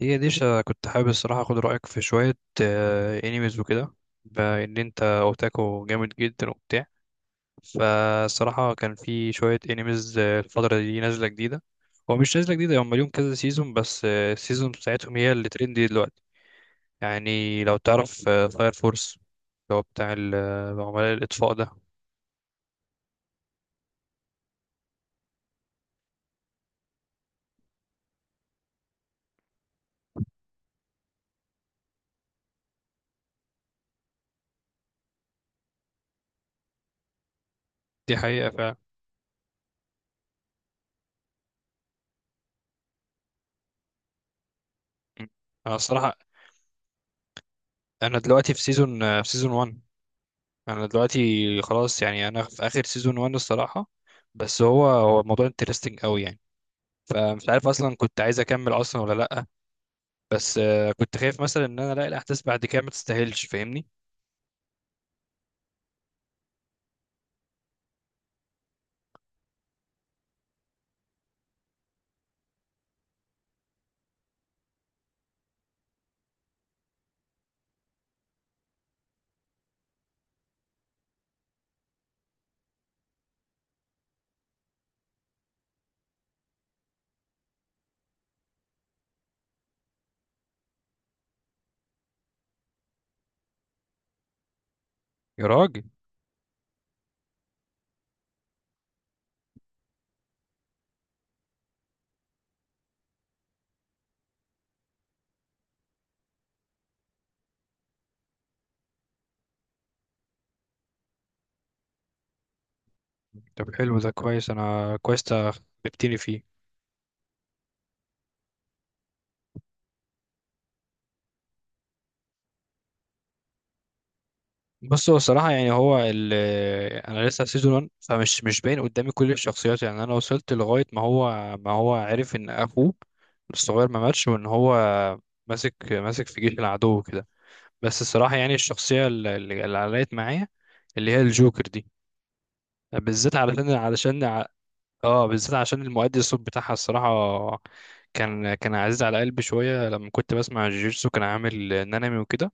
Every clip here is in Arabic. كنت حابب الصراحة أخد رأيك في شوية أنيميز وكده، بإن أنت أوتاكو جامد جدا وبتاع. فالصراحة كان في شوية أنيميز الفترة دي نازلة جديدة. هو مش نازلة جديدة، هم ليهم كذا سيزون، بس السيزون بتاعتهم هي اللي ترندي دلوقتي، يعني لو تعرف فاير فورس، اللي هو بتاع عملاء الإطفاء ده. دي حقيقة فعلا. م. أنا الصراحة، أنا دلوقتي في سيزون آه، في سيزون 1. انا دلوقتي خلاص، يعني انا في اخر سيزون 1 الصراحه. بس هو الموضوع انترستنج قوي يعني. فمش عارف اصلا كنت عايز اكمل اصلا ولا لا. بس كنت خايف مثلا ان انا الاقي الاحداث بعد كده ما تستاهلش، فاهمني. يا راجل. طب حلو، ده كويس، انا كويس تبتني فيه. بص، هو الصراحه يعني هو ال انا لسه في سيزون 1، فمش مش باين قدامي كل الشخصيات، يعني انا وصلت لغايه ما هو عرف ان اخوه الصغير ما ماتش، وان هو ماسك ماسك في جيش العدو كده. بس الصراحة يعني الشخصية اللي علقت معايا، اللي هي الجوكر دي، بالذات اه، بالذات عشان المؤدي الصوت بتاعها الصراحة، كان عزيز على قلبي شوية لما كنت بسمع جيجيتسو، كان عامل نانامي وكده.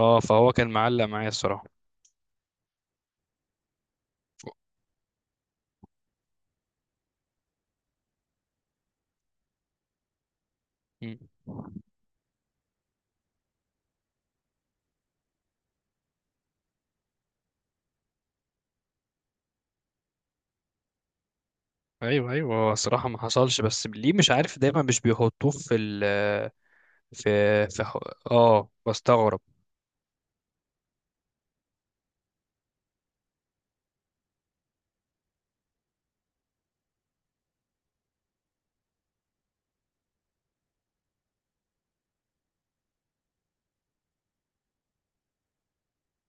اه، فهو كان معلق معايا الصراحة. مم. ايوه، ايوه، هو الصراحة ما حصلش، بس ليه مش عارف دايما مش بيحطوه في ال في في ح- اه بستغرب.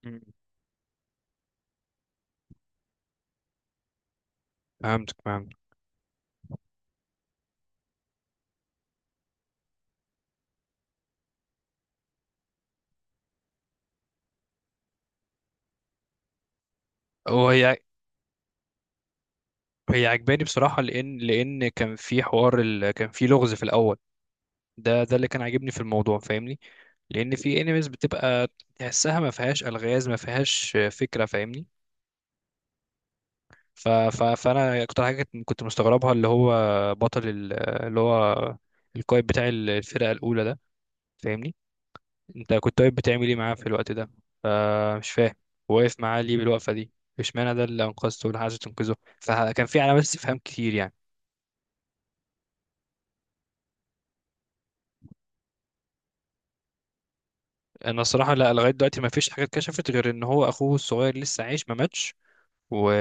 مم. فهمتك. هي هي عجباني بصراحة، لأن كان في لغز في الأول. ده اللي كان عاجبني في الموضوع، فاهمني، لان في انيميز بتبقى تحسها ما فيهاش الغاز، ما فيهاش فكره، فاهمني. فانا اكتر حاجه كنت مستغربها اللي هو بطل ال- اللي هو القائد بتاع الفرقه الاولى ده، فاهمني. انت كنت واقف بتعمل ايه معاه في الوقت ده؟ فمش فاهم واقف معاه ليه بالوقفه دي. اشمعنى ده اللي انقذته واللي عايز تنقذه؟ فكان في علامات استفهام كتير يعني. انا الصراحه لا، لغايه دلوقتي ما فيش حاجه اتكشفت غير ان هو اخوه الصغير لسه عايش، ما ماتش، و...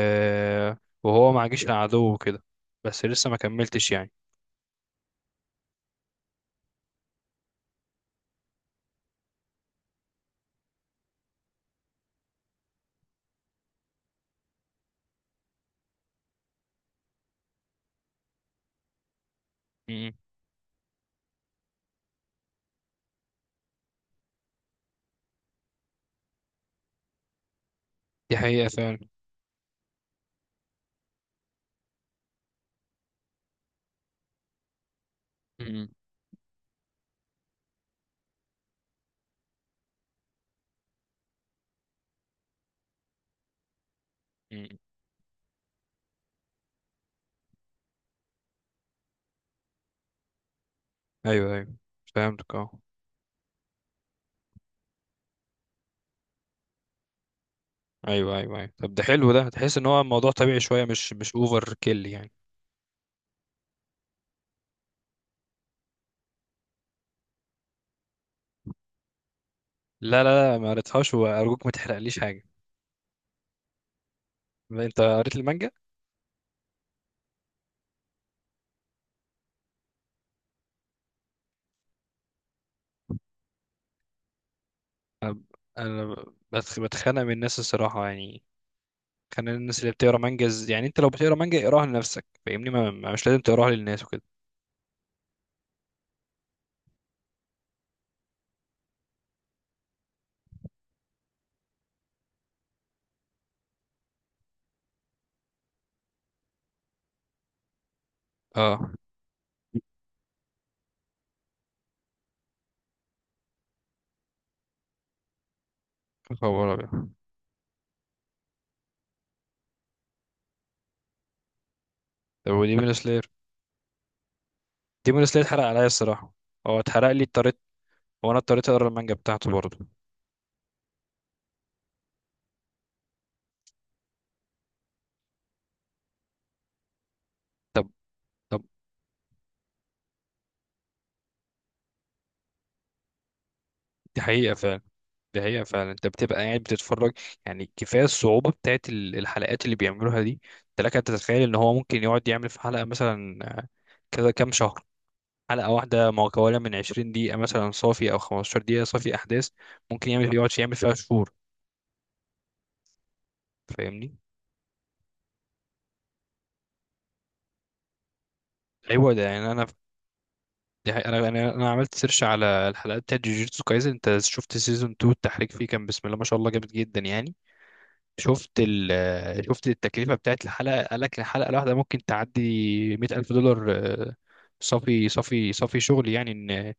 وهو ما عاجش عدو وكده، بس لسه ما كملتش يعني. م. دي حقيقة فعلا. م. م. م. ايوه ايوه، فهمتك، اه. ايوه ايوه ايوه، طب ده حلو، ده تحس ان هو الموضوع طبيعي شوية، مش مش اوفر كيل يعني. لا لا لا، ما قريتهاش، وارجوك ما تحرقليش حاجة. انت قريت المانجا؟ انا أنا بتخانق من الناس الصراحة يعني. كان الناس اللي بتقرا مانجا يعني، انت لو بتقرا مانجا اقراها لنفسك، فاهمني، مش لازم تقراها للناس وكده. اه، خبر ابيض. طب ودي بالنسبة، ديمون سلاير اتحرق عليا الصراحه، هو اتحرق لي، اضطريت، وانا اضطريت اقرا المانجا بتاعته برضه. طب طب، دي حقيقه فعلا، دي حقيقه فعلا. انت بتبقى قاعد بتتفرج، يعني كفايه الصعوبه بتاعت الحلقات اللي بيعملوها دي. انت لك ان تتخيل ان هو ممكن يقعد يعمل في حلقه مثلا كذا كام شهر. حلقه واحده مكونه من 20 دقيقه مثلا صافي، او 15 دقيقه صافي احداث، ممكن يقعد يعمل فيها شهور، فاهمني. ايوه، ده يعني دي حقيقة. انا انا أنا عملت سيرش على الحلقات بتاعت جوجيتسو كايزن. انت شفت سيزون 2، التحريك فيه كان بسم الله ما شاء الله جامد جدا يعني. شفت ال آه، شفت التكلفة بتاعت الحلقة، قال لك الحلقة الواحدة ممكن تعدي 100000 ألف دولار، صافي صافي صافي شغل، يعني ان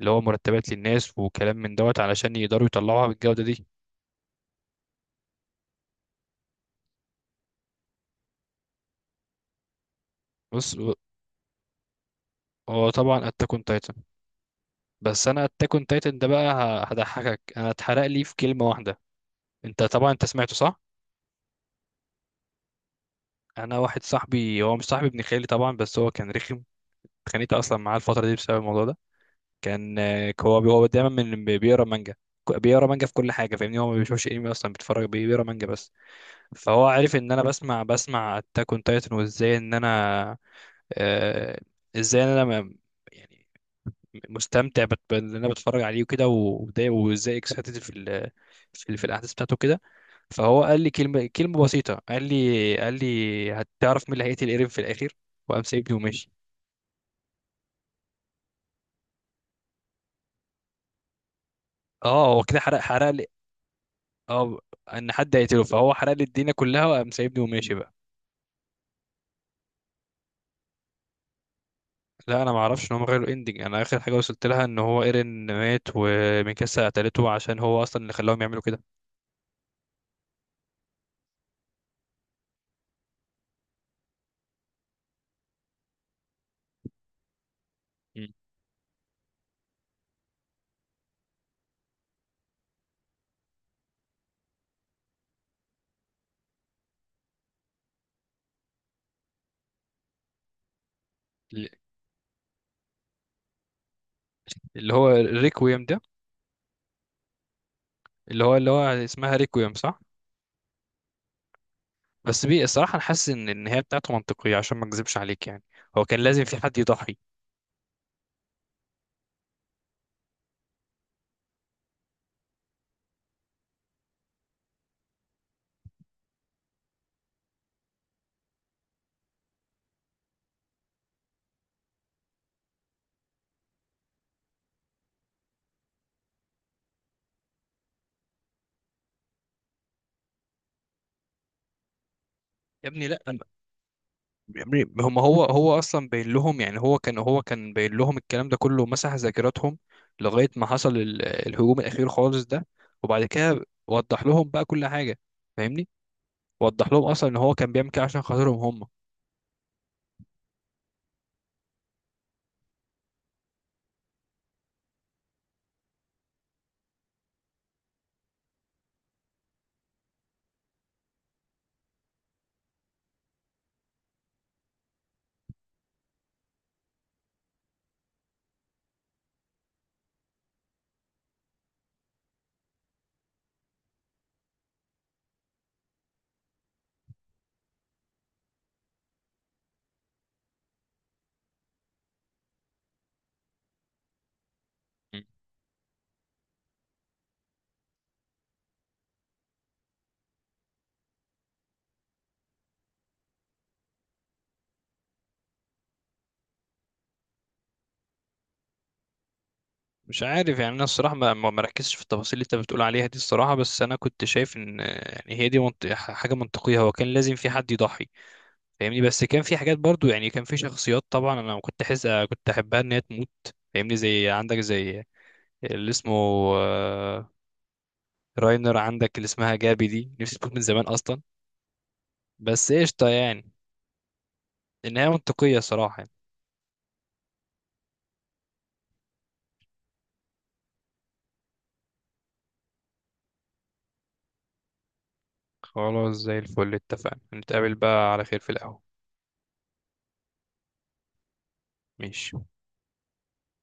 اللي هو مرتبات للناس وكلام من دوت علشان يقدروا يطلعوها بالجودة دي. بص، هو طبعا اتاك اون تايتن، بس انا اتاك اون تايتن ده بقى هضحكك، انا اتحرق لي في كلمة واحدة. انت طبعا سمعته، صح؟ انا واحد صاحبي، هو مش صاحبي، ابن خالي طبعا، بس هو كان رخم. اتخانقت اصلا معاه الفتره دي بسبب الموضوع ده. كان هو دايما من بيقرا مانجا، بيقرا مانجا في كل حاجه، فاهمني، هو ما بيشوفش انمي اصلا، بيقرا مانجا بس. فهو عارف ان انا بسمع اتاك اون تايتن، وازاي ان انا آه، ازاي ان انا ما- يعني مستمتع بان انا بتفرج عليه وكده وده، وازاي اكسايتد في الاحداث بتاعته كده. فهو قال لي كلمه بسيطه، قال لي هتعرف مين اللي هيقتل ايرين في الاخر، وقام سايبني وماشي. اه، هو كده حرق لي، اه، ان حد هيقتله، فهو حرق لي الدنيا كلها، وقام سايبني وماشي بقى. لا، انا ما اعرفش ان هم غيروا الاندنج، انا اخر حاجه وصلت لها ان هو ايرين مات، وميكاسا قتلته عشان هو اصلا اللي خلاهم يعملوا كده. مم. اللي هو ريكويم ده، اللي هو اسمها ريكويم، صح؟ بس الصراحه انا حاسس ان النهايه بتاعته منطقيه، عشان ما اكذبش عليك يعني، هو كان لازم في حد يضحي. يا ابني لا، يا ابني هم هو هو اصلا باين لهم، يعني هو كان باين لهم الكلام ده كله، مسح ذاكرتهم لغايه ما حصل الهجوم الاخير خالص ده، وبعد كده وضح لهم بقى كل حاجه، فاهمني. وضح لهم اصلا ان هو كان بيعمل كده عشان خاطرهم هم. م. مش عارف يعني، انا الصراحه ما ركزتش في التفاصيل اللي انت بتقول عليها دي الصراحه، بس انا كنت شايف ان يعني هي دي حاجه منطقيه، هو كان لازم في حد يضحي، فاهمني. بس كان في حاجات برضو يعني، كان في شخصيات طبعا انا كنت احبها ان هي تموت، فاهمني. زي عندك اللي اسمه آه، راينر، عندك اللي اسمها جابي دي نفسي تموت من زمان اصلا. بس قشطه يعني، النهايه منطقيه صراحه يعني. خلاص، زي الفل، اتفقنا نتقابل بقى على خير في القهوه. ماشي.